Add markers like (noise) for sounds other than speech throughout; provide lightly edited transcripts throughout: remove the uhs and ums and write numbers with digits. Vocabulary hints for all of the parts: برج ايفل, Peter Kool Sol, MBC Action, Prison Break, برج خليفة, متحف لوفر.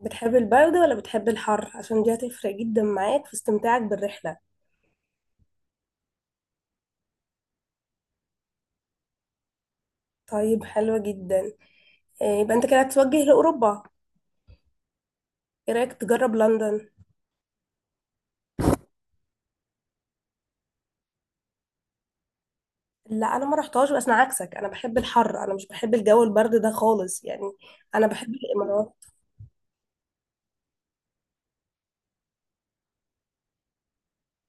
بتحب البرد ولا بتحب الحر؟ عشان دي هتفرق جدا معاك في استمتاعك بالرحلة. طيب، حلوة جدا. إيه، يبقى انت كده هتتوجه لأوروبا؟ ايه رأيك تجرب لندن؟ لا، انا ما رحتهاش، بس انا عكسك، انا بحب الحر، انا مش بحب الجو البرد ده خالص يعني. انا بحب الامارات.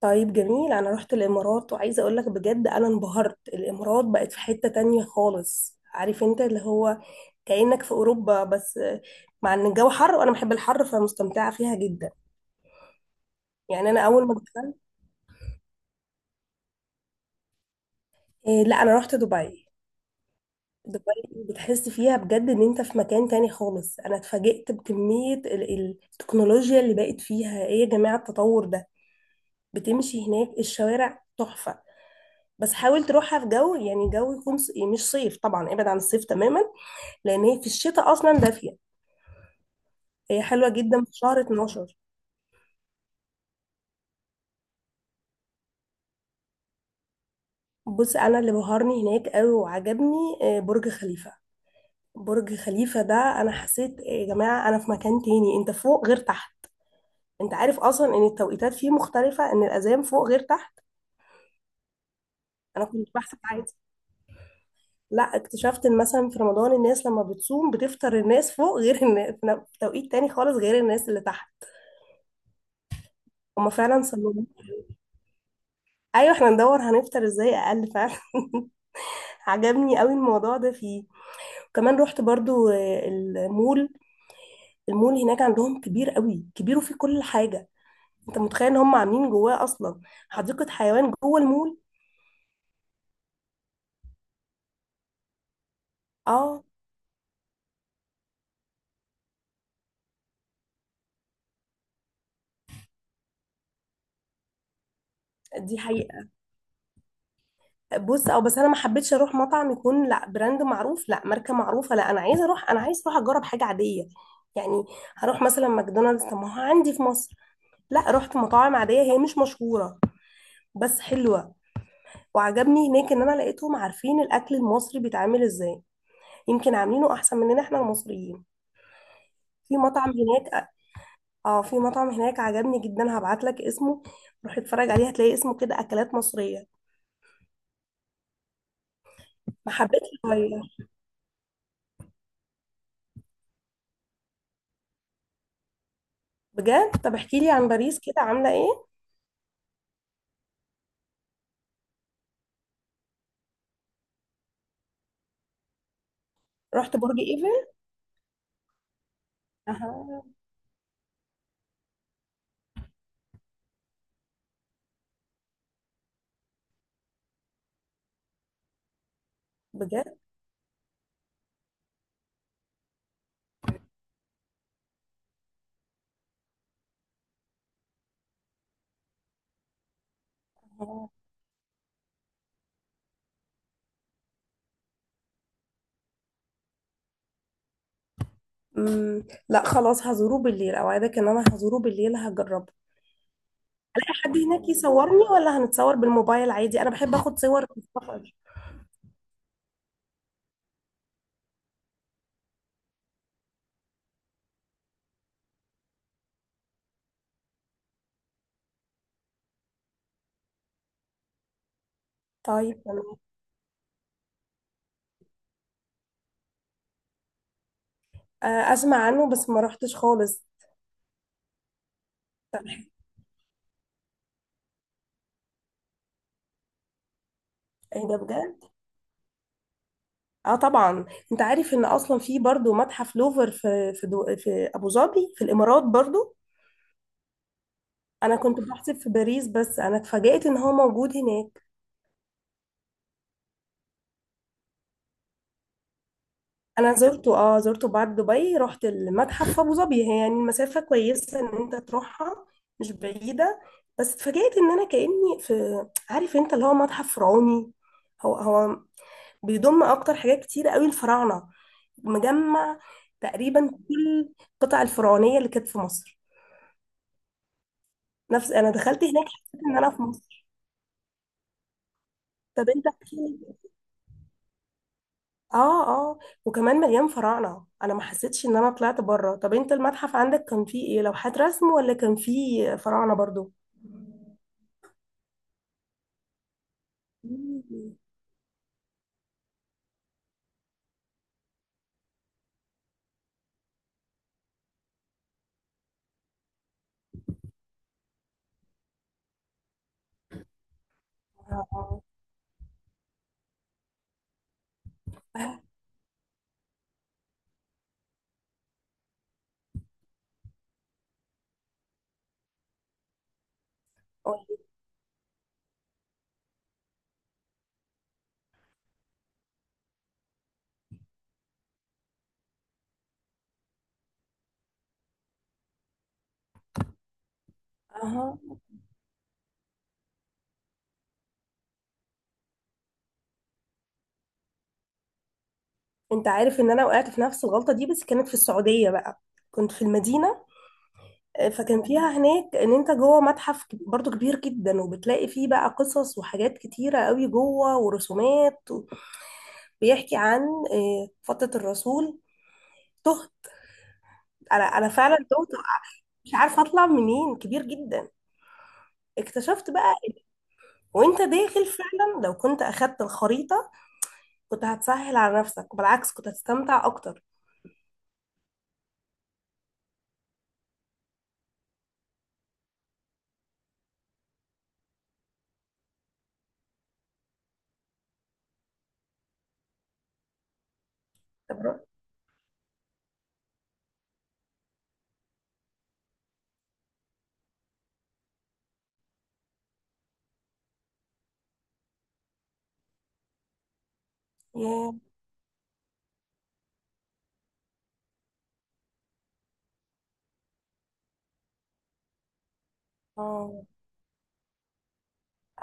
طيب جميل، انا رحت الامارات وعايزه اقول لك بجد انا انبهرت. الامارات بقت في حتة تانية خالص، عارف انت اللي هو، كأنك في اوروبا بس. مع ان الجو حر وانا بحب الحر، فمستمتعه فيها جدا. يعني انا اول ما دخلت. إيه، لا انا رحت دبي. دبي. بتحس فيها بجد ان انت في مكان تاني خالص. انا اتفاجئت بكمية التكنولوجيا اللي بقت فيها، ايه يا جماعة التطور ده! بتمشي هناك، الشوارع تحفة. بس حاول تروحها في جو، يعني جو يكون يعني مش صيف، طبعا ابعد عن الصيف تماما. لان هي في الشتاء اصلا دافية. هي حلوة جدا في شهر 12. بص، انا اللي بهرني هناك قوي وعجبني برج خليفة. برج خليفة ده، انا حسيت إيه يا جماعة! انا في مكان تاني، انت فوق غير تحت. انت عارف اصلا ان التوقيتات فيه مختلفة، ان الاذان فوق غير تحت. انا كنت بحسب عادي. لا، اكتشفت ان مثلا في رمضان الناس لما بتصوم بتفطر، الناس فوق غير الناس، في توقيت تاني خالص غير الناس اللي تحت. هما فعلا صلوا. ايوه، احنا ندور هنفطر ازاي اقل فعلا. (laughs) عجبني قوي الموضوع ده فيه. وكمان رحت برضو المول. المول هناك عندهم كبير قوي، كبير وفيه كل حاجة. انت متخيل ان هم عاملين جواه اصلا حديقة حيوان جوه المول! اه، دي حقيقة. بص، بس انا ما حبيتش اروح مطعم يكون لا براند معروف، لا ماركه معروفه، لا، انا عايزه اروح اجرب حاجه عاديه. يعني، هروح مثلا ماكدونالدز؟ طب ما هو عندي في مصر. لا، رحت مطاعم عاديه هي مش مشهوره، بس حلوه. وعجبني هناك ان انا لقيتهم عارفين الاكل المصري بيتعمل ازاي، يمكن عاملينه احسن مننا احنا المصريين. في مطعم هناك، اه، في مطعم هناك عجبني جدا، هبعت لك اسمه، روح اتفرج عليه، هتلاقي اسمه كده اكلات مصريه. ما حبيتش اغير. بجد؟ طب احكي لي عن باريس كده، عامله ايه؟ رحت برج ايفل؟ أها. بجد؟ أها. مم. لا خلاص هزوره بالليل، اوعدك ان انا هزوره بالليل هجربه. الاقي حد هناك يصورني ولا هنتصور بالموبايل عادي؟ انا بحب اخد صور في السفر. طيب تمام. آه، اسمع عنه، بس ما رحتش خالص. طب، ايه ده بجد! اه طبعا. انت عارف ان اصلا في برضو متحف لوفر في في ابو ظبي، في الامارات برضو. انا كنت بحسب في باريس، بس انا اتفاجئت ان هو موجود هناك. انا زرته. اه زرته بعد دبي، رحت المتحف في ابو ظبي، هي يعني المسافه كويسه ان انت تروحها، مش بعيده. بس اتفاجئت ان انا كاني في، عارف انت اللي هو، متحف فرعوني. هو هو، بيضم اكتر حاجات كتيره قوي، الفراعنه، مجمع تقريبا كل القطع الفرعونيه اللي كانت في مصر. نفس، انا دخلت هناك حسيت ان انا في مصر. طب انت، اه، وكمان مليان فراعنة، انا ما حسيتش ان انا طلعت بره. طب انت المتحف عندك كان فيه ايه؟ لوحات رسم ولا كان فيه فراعنة برضو؟ (laughs) مم. اه. آه. اها. انت عارف ان انا وقعت في نفس الغلطة دي، بس كانت في السعودية بقى. كنت في المدينة. فكان فيها هناك ان انت جوه متحف برضو كبير جدا، وبتلاقي فيه بقى قصص وحاجات كتيرة قوي جوه ورسومات بيحكي عن فترة الرسول. تهت، انا فعلا تهت، مش عارفة اطلع منين، كبير جدا. اكتشفت بقى وانت داخل فعلا لو كنت اخدت الخريطة، كنت هتسهل على نفسك وبالعكس كنت هتستمتع اكتر. طب ياه. اه،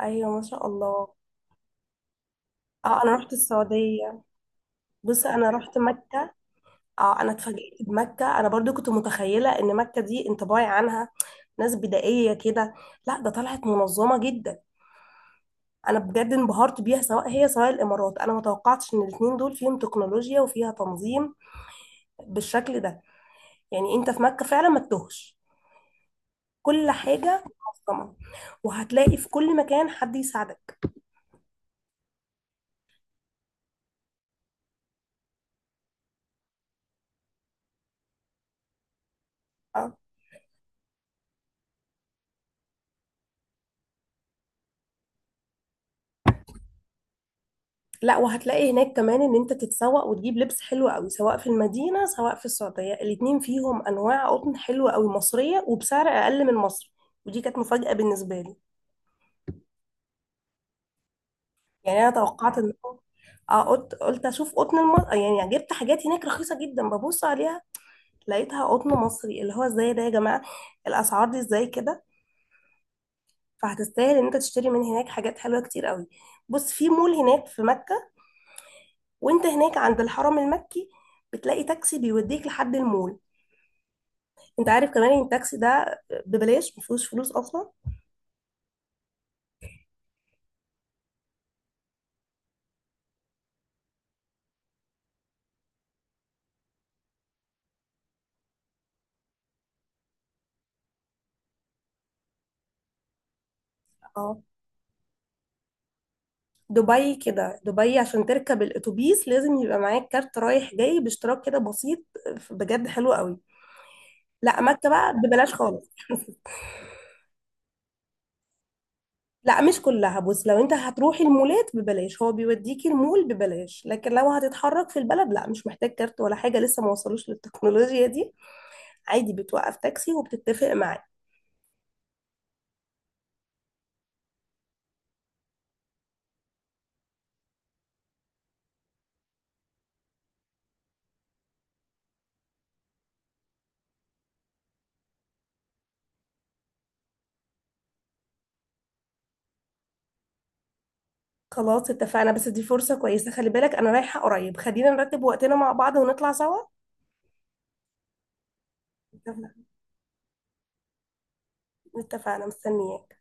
ايوه ما شاء الله. اه، انا رحت السعودية. بص، انا رحت مكة. اه، انا اتفاجئت بمكة. انا برضو كنت متخيلة ان مكة دي انطباعي عنها ناس بدائية كده، لا ده طلعت منظمة جدا. انا بجد انبهرت بيها، سواء هي سواء الامارات، انا ما توقعتش ان الاتنين دول فيهم تكنولوجيا وفيها تنظيم بالشكل ده. يعني انت في مكة فعلا ما تتوهش، كل حاجة منظمة، وهتلاقي في كل مكان حد يساعدك. اه. لا، وهتلاقي هناك كمان ان انت تتسوق وتجيب لبس حلو قوي، سواء في المدينة سواء في السعودية، الاتنين فيهم انواع قطن حلوة قوي مصرية وبسعر اقل من مصر. ودي كانت مفاجأة بالنسبة لي. يعني انا توقعت ان، اه، قلت اشوف قطن يعني جبت حاجات هناك رخيصة جدا، ببص عليها لقيتها قطن مصري، اللي هو ازاي ده يا جماعة؟ الاسعار دي ازاي كده؟ فهتستاهل ان انت تشتري من هناك حاجات حلوه كتير قوي. بص، في مول هناك في مكه، وانت هناك عند الحرم المكي، بتلاقي تاكسي بيوديك لحد المول. انت عارف كمان ان التاكسي ده ببلاش، مفيهوش فلوس اصلا. اه، دبي كده، دبي عشان تركب الاتوبيس لازم يبقى معاك كارت رايح جاي باشتراك كده بسيط، بجد حلو قوي. لا، مكه بقى ببلاش خالص. لا مش كلها، بص، لو انت هتروحي المولات ببلاش، هو بيوديكي المول ببلاش، لكن لو هتتحرك في البلد، لا مش محتاج كارت ولا حاجة، لسه ما وصلوش للتكنولوجيا دي. عادي بتوقف تاكسي وبتتفق معاه. خلاص اتفقنا، بس دي فرصة كويسة، خلي بالك انا رايحة قريب، خلينا نرتب وقتنا مع بعض ونطلع سوا. اتفقنا. اتفقنا، مستنياك.